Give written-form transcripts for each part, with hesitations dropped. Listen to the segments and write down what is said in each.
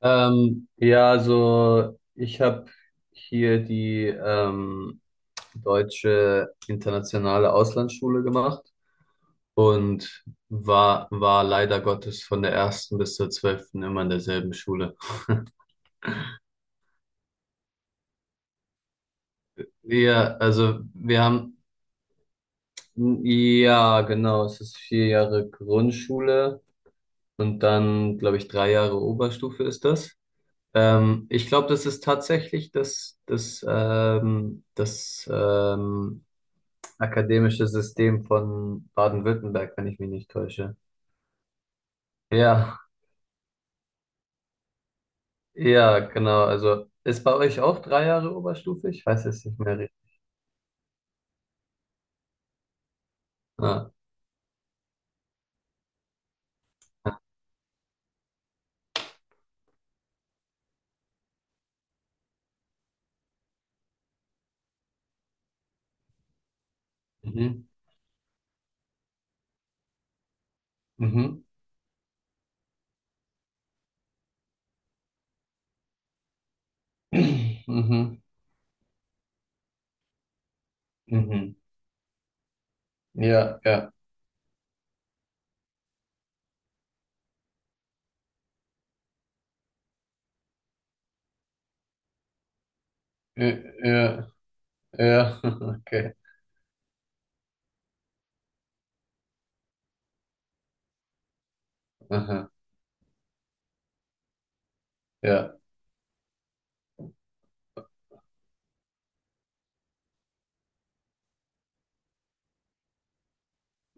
Ja, also ich habe hier die Deutsche Internationale Auslandsschule gemacht und war leider Gottes von der ersten bis zur 12. immer in derselben Schule. Wir, also wir haben, Ja, genau, es ist 4 Jahre Grundschule und dann, glaube ich, 3 Jahre Oberstufe ist das. Ich glaube, das ist tatsächlich das Akademisches System von Baden-Württemberg, wenn ich mich nicht täusche. Ja, ja, genau. Also ist bei euch auch 3 Jahre Oberstufe? Ich weiß es nicht mehr, richtig. Ah. Ja. Mhm. Mhm. Mhm. Mhm. Ja, ja. Ja, ja. Ja. Okay. Aha. Ja.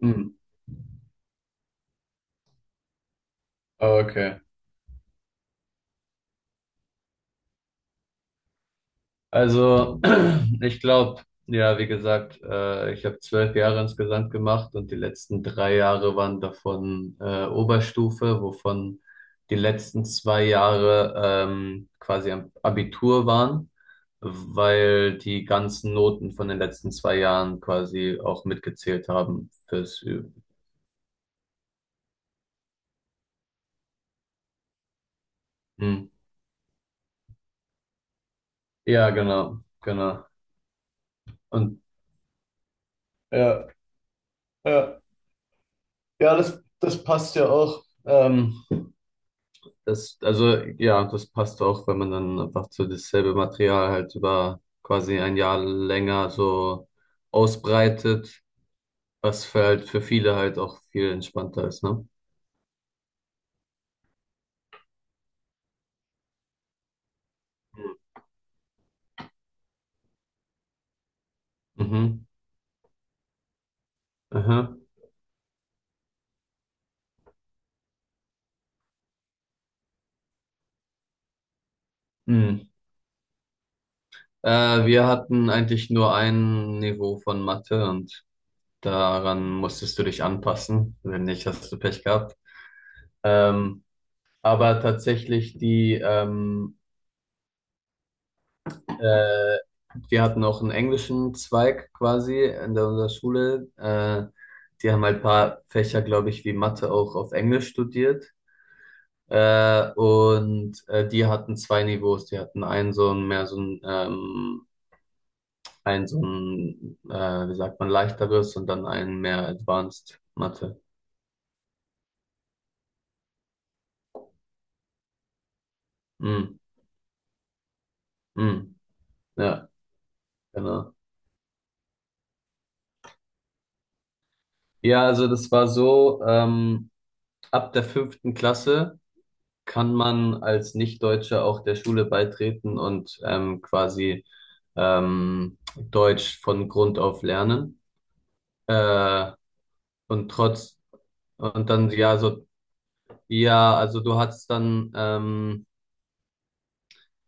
Mhm. Okay. Also, ich glaube, ja, wie gesagt, ich habe 12 Jahre insgesamt gemacht und die letzten 3 Jahre waren davon Oberstufe, wovon die letzten 2 Jahre quasi am Abitur waren, weil die ganzen Noten von den letzten 2 Jahren quasi auch mitgezählt haben fürs Üben. Hm. Ja, genau, genau. Und ja, ja, ja, das passt ja auch. Also ja, das passt auch, wenn man dann einfach so dasselbe Material halt über quasi ein Jahr länger so ausbreitet, was für halt für viele halt auch viel entspannter ist, ne? Mhm. Aha. Hm. Wir hatten eigentlich nur ein Niveau von Mathe und daran musstest du dich anpassen. Wenn nicht, hast du Pech gehabt. Ähm, aber tatsächlich die Äh, Wir hatten auch einen englischen Zweig quasi in unserer Schule. Die haben halt ein paar Fächer, glaube ich, wie Mathe auch auf Englisch studiert. Und die hatten zwei Niveaus. Die hatten einen so ein mehr so ein so ein, wie sagt man, leichteres und dann einen mehr Advanced Mathe. Mm, mm, ja, genau. Ja, also das war so, ab der fünften Klasse kann man als Nicht-Deutscher auch der Schule beitreten und quasi Deutsch von Grund auf lernen. Äh, und trotz, und dann, ja, so, ja, also du hast dann,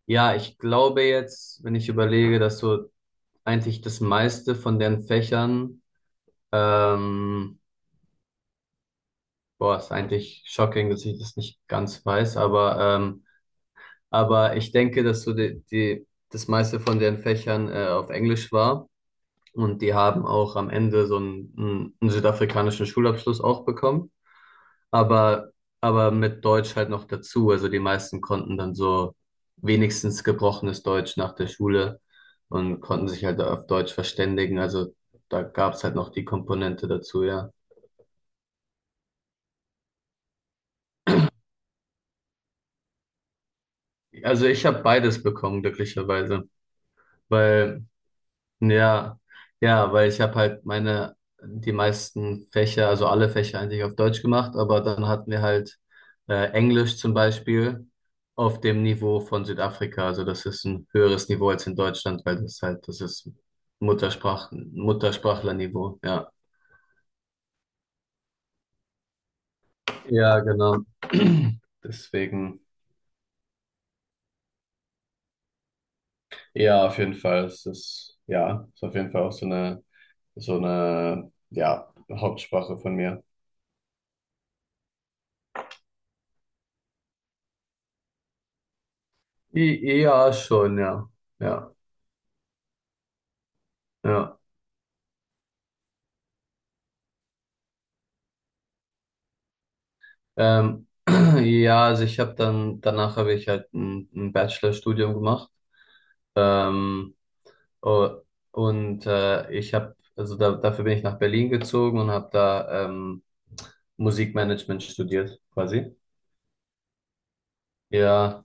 ja, ich glaube jetzt, wenn ich überlege, dass so eigentlich das meiste von den Fächern, ähm, boah, ist eigentlich shocking, dass ich das nicht ganz weiß, aber ich denke, dass so das meiste von den Fächern, auf Englisch war. Und die haben auch am Ende so einen südafrikanischen Schulabschluss auch bekommen, aber, aber mit Deutsch halt noch dazu. Also die meisten konnten dann so wenigstens gebrochenes Deutsch nach der Schule und konnten sich halt auf Deutsch verständigen. Also da gab's halt noch die Komponente dazu, ja. Also ich habe beides bekommen, glücklicherweise, weil Ja, ja, weil ich habe halt die meisten Fächer, also alle Fächer eigentlich auf Deutsch gemacht, aber dann hatten wir halt Englisch zum Beispiel auf dem Niveau von Südafrika. Also das ist ein höheres Niveau als in Deutschland, weil das halt, das ist Muttersprachlerniveau, ja. Ja, genau. Deswegen, ja, auf jeden Fall, es ist auf jeden Fall auch so eine, ja, Hauptsprache von mir. Ja, schon, ja, ja. Ja, ähm, ja, also ich habe dann, danach habe ich halt ein Bachelorstudium gemacht. Ähm, o- und ich habe, also da, dafür bin ich nach Berlin gezogen und habe da Musikmanagement studiert, quasi. Ja,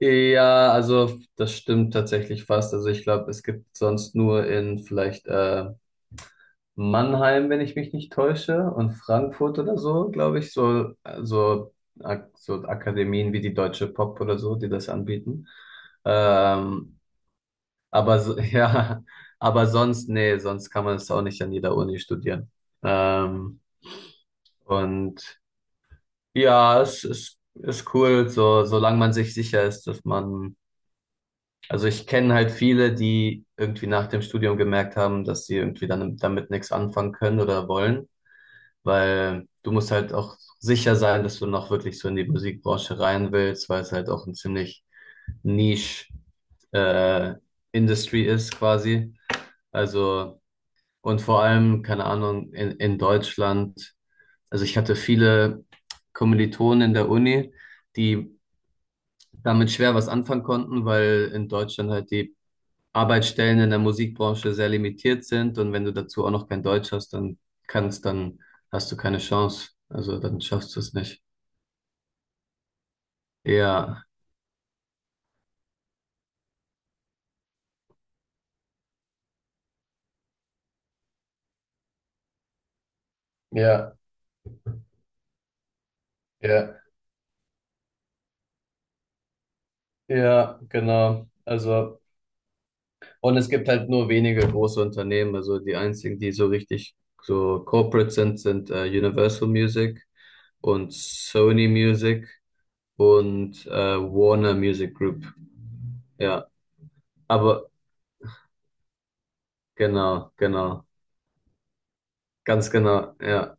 ja, also das stimmt tatsächlich fast. Also ich glaube, es gibt sonst nur in vielleicht Mannheim, wenn ich mich nicht täusche, und Frankfurt oder so, glaube ich, so, so Akademien wie die Deutsche Pop oder so, die das anbieten. Ähm, aber so, ja, aber sonst, nee, sonst kann man es auch nicht an jeder Uni studieren. Ähm, und ja, es ist cool, so, solange man sich sicher ist, dass man, also ich kenne halt viele, die irgendwie nach dem Studium gemerkt haben, dass sie irgendwie dann damit nichts anfangen können oder wollen. Weil du musst halt auch sicher sein, dass du noch wirklich so in die Musikbranche rein willst, weil es halt auch ein ziemlich Niche äh, Industry ist quasi. Also, und vor allem, keine Ahnung, in Deutschland, also ich hatte viele Kommilitonen in der Uni, die damit schwer was anfangen konnten, weil in Deutschland halt die Arbeitsstellen in der Musikbranche sehr limitiert sind und wenn du dazu auch noch kein Deutsch hast, dann hast du keine Chance. Also dann schaffst du es nicht. Ja, ja, ja, ja, genau. Also, und es gibt halt nur wenige große Unternehmen. Also die einzigen, die so richtig so corporate sind, sind Universal Music und Sony Music und Warner Music Group. Ja, aber genau, genau, ganz genau, ja.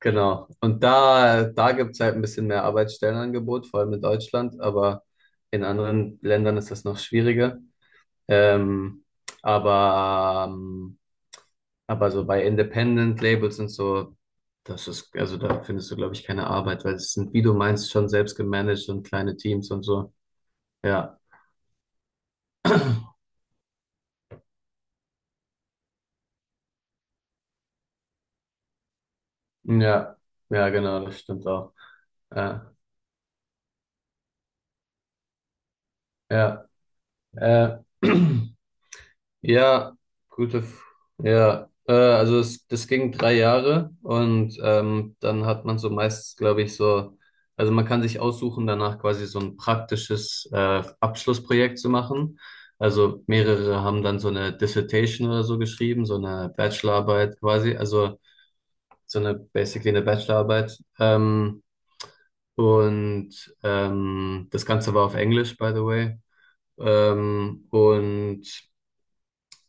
Genau. Und da gibt es halt ein bisschen mehr Arbeitsstellenangebot, vor allem in Deutschland, aber in anderen Ländern ist das noch schwieriger. Ähm, aber, ähm, aber so bei Independent Labels und so, das ist, also da findest du, glaube ich, keine Arbeit, weil es sind, wie du meinst, schon selbst gemanagt und kleine Teams und so. Ja. Ja. Ja, genau, das stimmt auch. Ja. Ja. Äh. Ja, gute, F ja, also es, das ging 3 Jahre und dann hat man so meistens, glaube ich, so, also man kann sich aussuchen, danach quasi so ein praktisches Abschlussprojekt zu machen. Also mehrere haben dann so eine Dissertation oder so geschrieben, so eine Bachelorarbeit quasi, also so eine basically eine Bachelorarbeit. Und das Ganze war auf Englisch, by the way. Ähm, und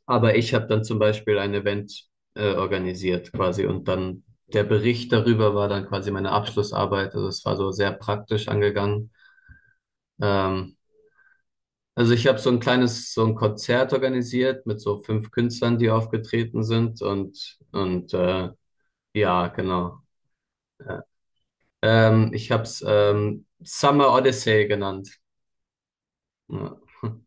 aber ich habe dann zum Beispiel ein Event organisiert quasi und dann der Bericht darüber war dann quasi meine Abschlussarbeit. Also es war so sehr praktisch angegangen. Ähm, also ich habe so ein kleines, so ein Konzert organisiert mit so fünf Künstlern, die aufgetreten sind und ja, genau. Ja. Ich habe es Summer Odyssey genannt. Ja.